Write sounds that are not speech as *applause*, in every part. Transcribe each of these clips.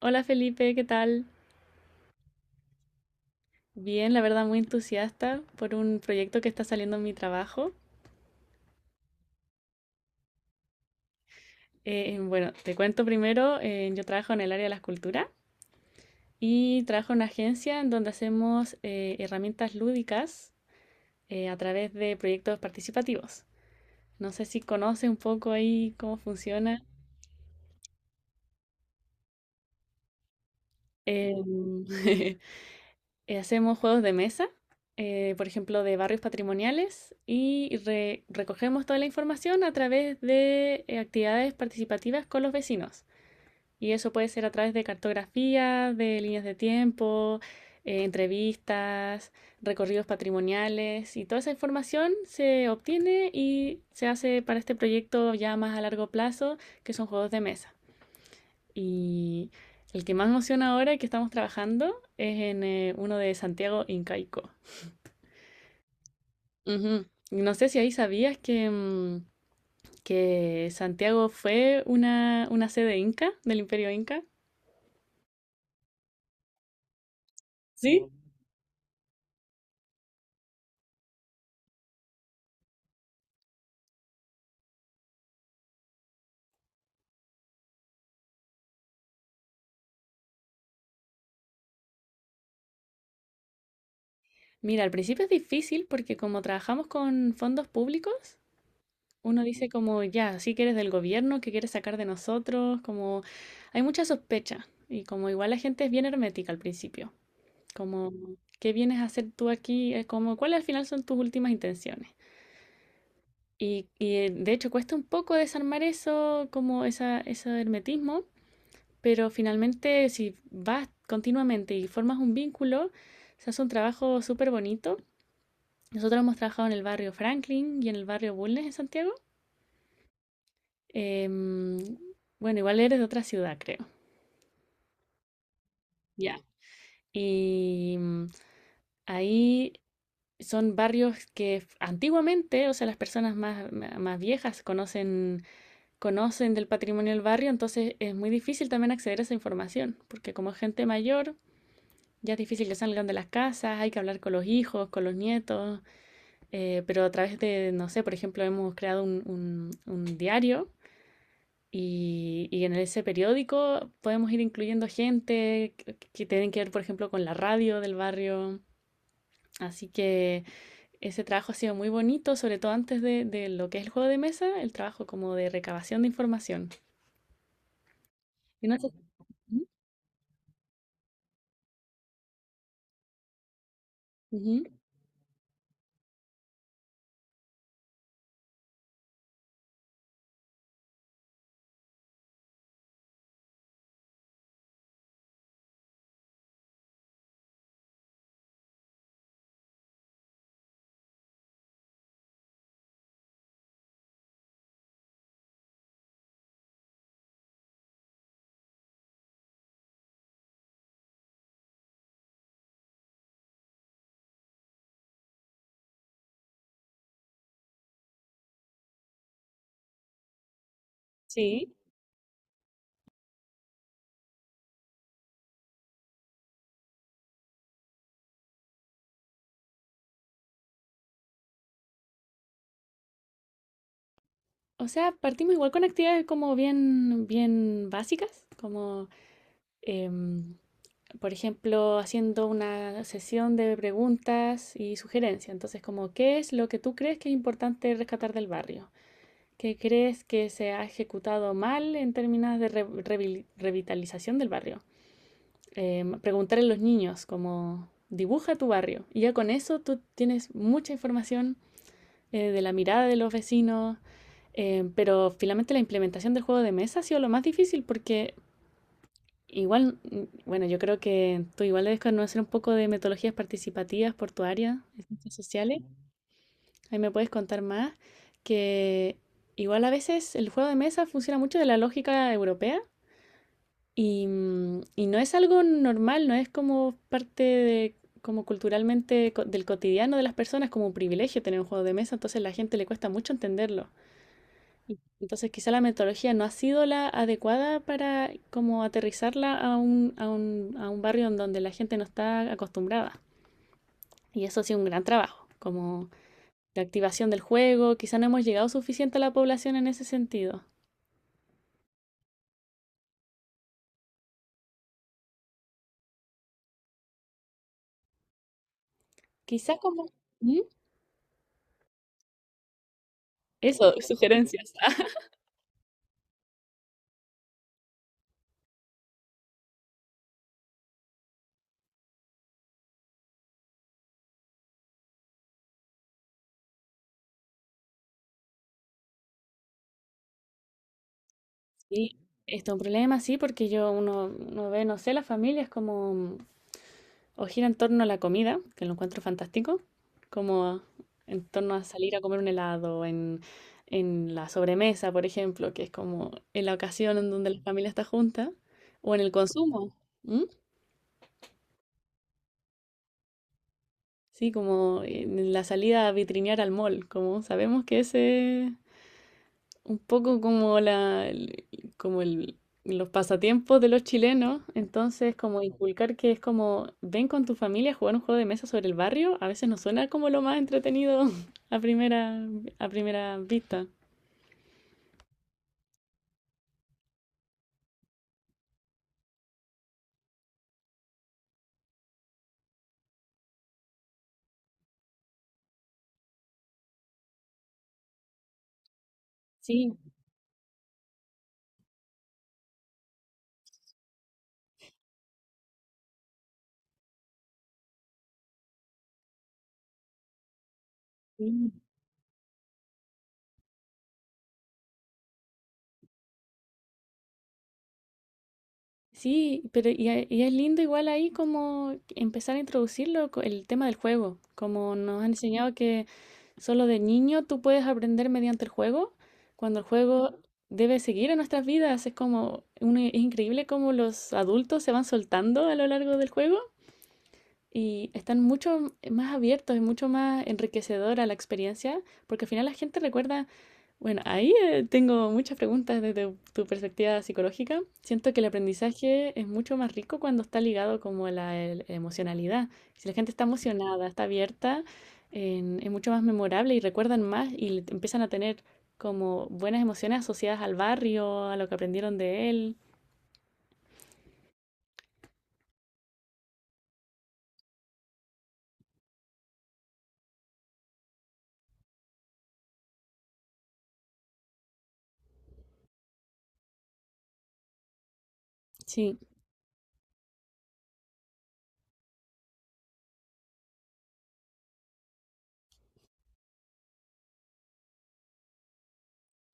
Hola Felipe, ¿qué tal? Bien, la verdad muy entusiasta por un proyecto que está saliendo en mi trabajo. Bueno, te cuento primero, yo trabajo en el área de la escultura y trabajo en una agencia en donde hacemos herramientas lúdicas a través de proyectos participativos. No sé si conoces un poco ahí cómo funciona. Em, *laughs* Hacemos juegos de mesa, por ejemplo, de barrios patrimoniales y recogemos toda la información a través de actividades participativas con los vecinos. Y eso puede ser a través de cartografía, de líneas de tiempo, entrevistas, recorridos patrimoniales y toda esa información se obtiene y se hace para este proyecto ya más a largo plazo, que son juegos de mesa. Y el que más me emociona ahora que estamos trabajando es en uno de Santiago Incaico. Ujú. Y no sé si ahí sabías que Santiago fue una sede inca del Imperio Inca. ¿Sí? Mira, al principio es difícil porque como trabajamos con fondos públicos, uno dice como, ya, sí que eres del gobierno, que quieres sacar de nosotros, como hay mucha sospecha y como igual la gente es bien hermética al principio. Como, ¿qué vienes a hacer tú aquí? Como, ¿cuáles al final son tus últimas intenciones? Y, de hecho cuesta un poco desarmar eso, como esa, ese hermetismo, pero finalmente si vas continuamente y formas un vínculo, se hace un trabajo súper bonito. Nosotros hemos trabajado en el barrio Franklin y en el barrio Bulnes en Santiago. Em, bueno, igual eres de otra ciudad, creo. Ya. Y mm, Ahí son barrios que antiguamente, o sea, las personas más viejas conocen del patrimonio del barrio, entonces es muy difícil también acceder a esa información, porque como gente mayor, ya es difícil que salgan de las casas, hay que hablar con los hijos, con los nietos, pero a través de, no sé, por ejemplo, hemos creado un diario. Y en ese periódico podemos ir incluyendo gente que tienen que ver, por ejemplo, con la radio del barrio. Así que ese trabajo ha sido muy bonito, sobre todo antes de lo que es el juego de mesa, el trabajo como de recabación de información. Y no sé- Ujú, ujú. Sí. O sea, partimos igual con actividades como bien, bien básicas, como, em, por ejemplo, haciendo una sesión de preguntas y sugerencias. Entonces, como, ¿qué es lo que tú crees que es importante rescatar del barrio? ¿Qué crees que se ha ejecutado mal en términos de revitalización del barrio? Preguntarle a los niños como dibuja tu barrio. Y ya con eso tú tienes mucha información de la mirada de los vecinos, pero finalmente la implementación del juego de mesa ha sido lo más difícil porque igual, bueno, yo creo que tú igual debes conocer un poco de metodologías participativas por tu área de ciencias sociales. Ahí me puedes contar más que igual a veces el juego de mesa funciona mucho de la lógica europea. Y no es algo normal, no es como parte de, como culturalmente del cotidiano de las personas, como un privilegio tener un juego de mesa, entonces a la gente le cuesta mucho entenderlo. Y entonces quizá la metodología no ha sido la adecuada para como aterrizarla a un barrio en donde la gente no está acostumbrada. Y eso ha sido un gran trabajo, como la activación del juego, quizá no hemos llegado suficiente a la población en ese sentido. Quizá como. ¿Mm? Eso, sugerencias. Sí, está un problema, sí, porque uno ve, no sé, las familias como o gira en torno a la comida, que lo encuentro fantástico, como en torno a salir a comer un helado, en, la sobremesa, por ejemplo, que es como en la ocasión en donde la familia está junta, o en el consumo, ¿m? Sí, como en la salida a vitrinear al mall, como sabemos que ese, un poco como como el, los pasatiempos de los chilenos, entonces como inculcar que es como ven con tu familia a jugar un juego de mesa sobre el barrio, a veces no suena como lo más entretenido *laughs* a primera, a primera vista. Sí, sí. Sí, pero y es lindo igual ahí como empezar a introducirlo, el tema del juego, como nos han enseñado que solo de niño tú puedes aprender mediante el juego, cuando el juego debe seguir en nuestras vidas. Es como, es increíble cómo los adultos se van soltando a lo largo del juego y están mucho más abiertos y mucho más enriquecedora la experiencia, porque al final la gente recuerda, bueno, ahí tengo muchas preguntas desde tu perspectiva psicológica. Siento que el aprendizaje es mucho más rico cuando está ligado como a la emocionalidad. Si la gente está emocionada, está abierta, es mucho más memorable y recuerdan más y empiezan a tener como buenas emociones asociadas al barrio, a lo que aprendieron de él. Sí.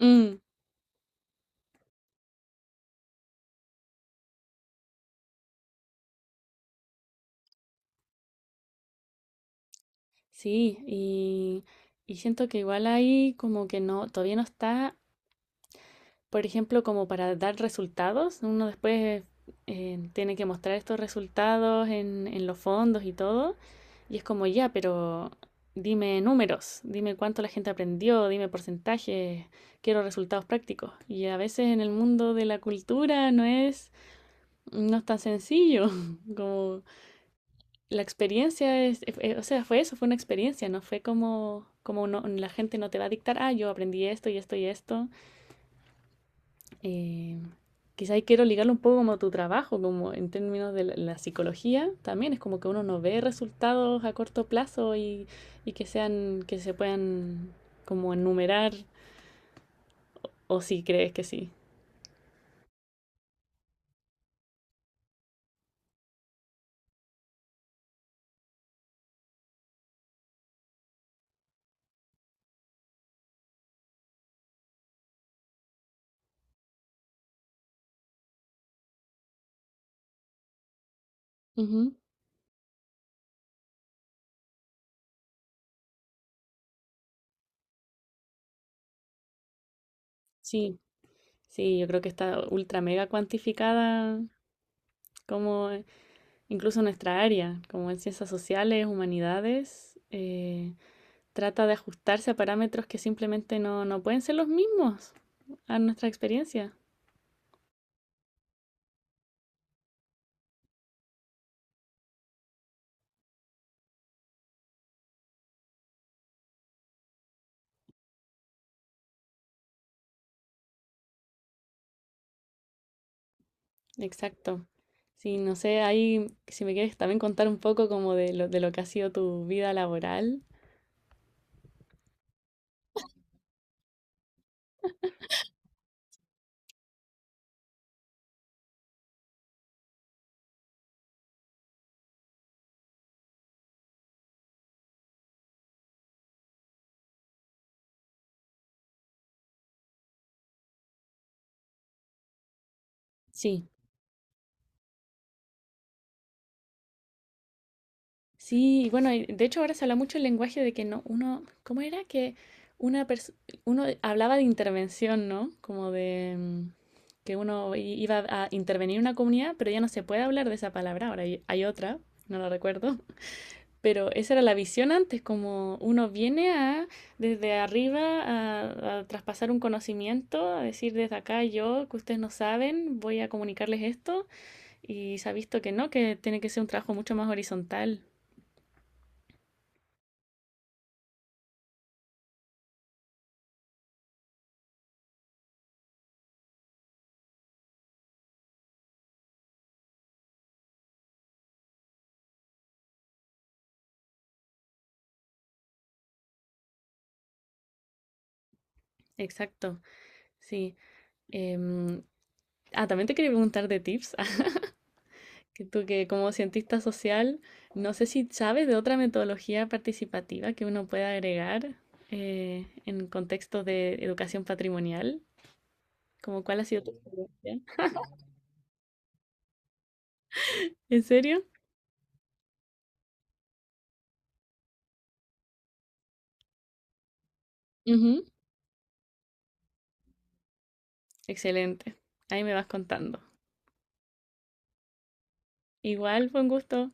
Mm. Sí, y siento que igual ahí como que no, todavía no está, por ejemplo, como para dar resultados. Uno después tiene que mostrar estos resultados en, los fondos y todo. Y es como ya, pero dime números, dime cuánto la gente aprendió, dime porcentajes, quiero resultados prácticos. Y a veces en el mundo de la cultura no es tan sencillo *laughs* como la experiencia es, o sea, fue eso, fue una experiencia, no fue como la gente no te va a dictar, ah, yo aprendí esto y esto y esto. Eh, Quizá ahí quiero ligarlo un poco como a tu trabajo, como en términos de la psicología, también es como que uno no ve resultados a corto plazo y que sean, que se puedan como enumerar, o si crees que sí. Ujú. Sí, sí, yo creo que está ultra mega cuantificada como incluso nuestra área, como en ciencias sociales, humanidades, trata de ajustarse a parámetros que simplemente no pueden ser los mismos a nuestra experiencia. Exacto. Sí, no sé, ahí si me quieres también contar un poco como de lo que ha sido tu vida laboral. Sí, sí, y bueno, y de hecho ahora se habla mucho el lenguaje de que no, uno, ¿cómo era? Que una pers- uno hablaba de intervención, ¿no? Como de que uno iba a intervenir en una comunidad, pero ya no se puede hablar de esa palabra, ahora hay otra, no la recuerdo, *laughs* pero esa era la visión antes, como uno viene a, desde arriba, a traspasar un conocimiento, a decir desde acá yo, que ustedes no saben, voy a comunicarles esto, y se ha visto que no, que tiene que ser un trabajo mucho más horizontal. Exacto. Sí. em, ah, también te quería preguntar de tips. *laughs* Que tú que como cientista social, no sé si sabes de otra metodología participativa que uno pueda agregar en contextos de educación patrimonial. Como cuál ha sido tu experiencia. ¿En serio? Ujú. Excelente. Ahí me vas contando. Igual fue un gusto.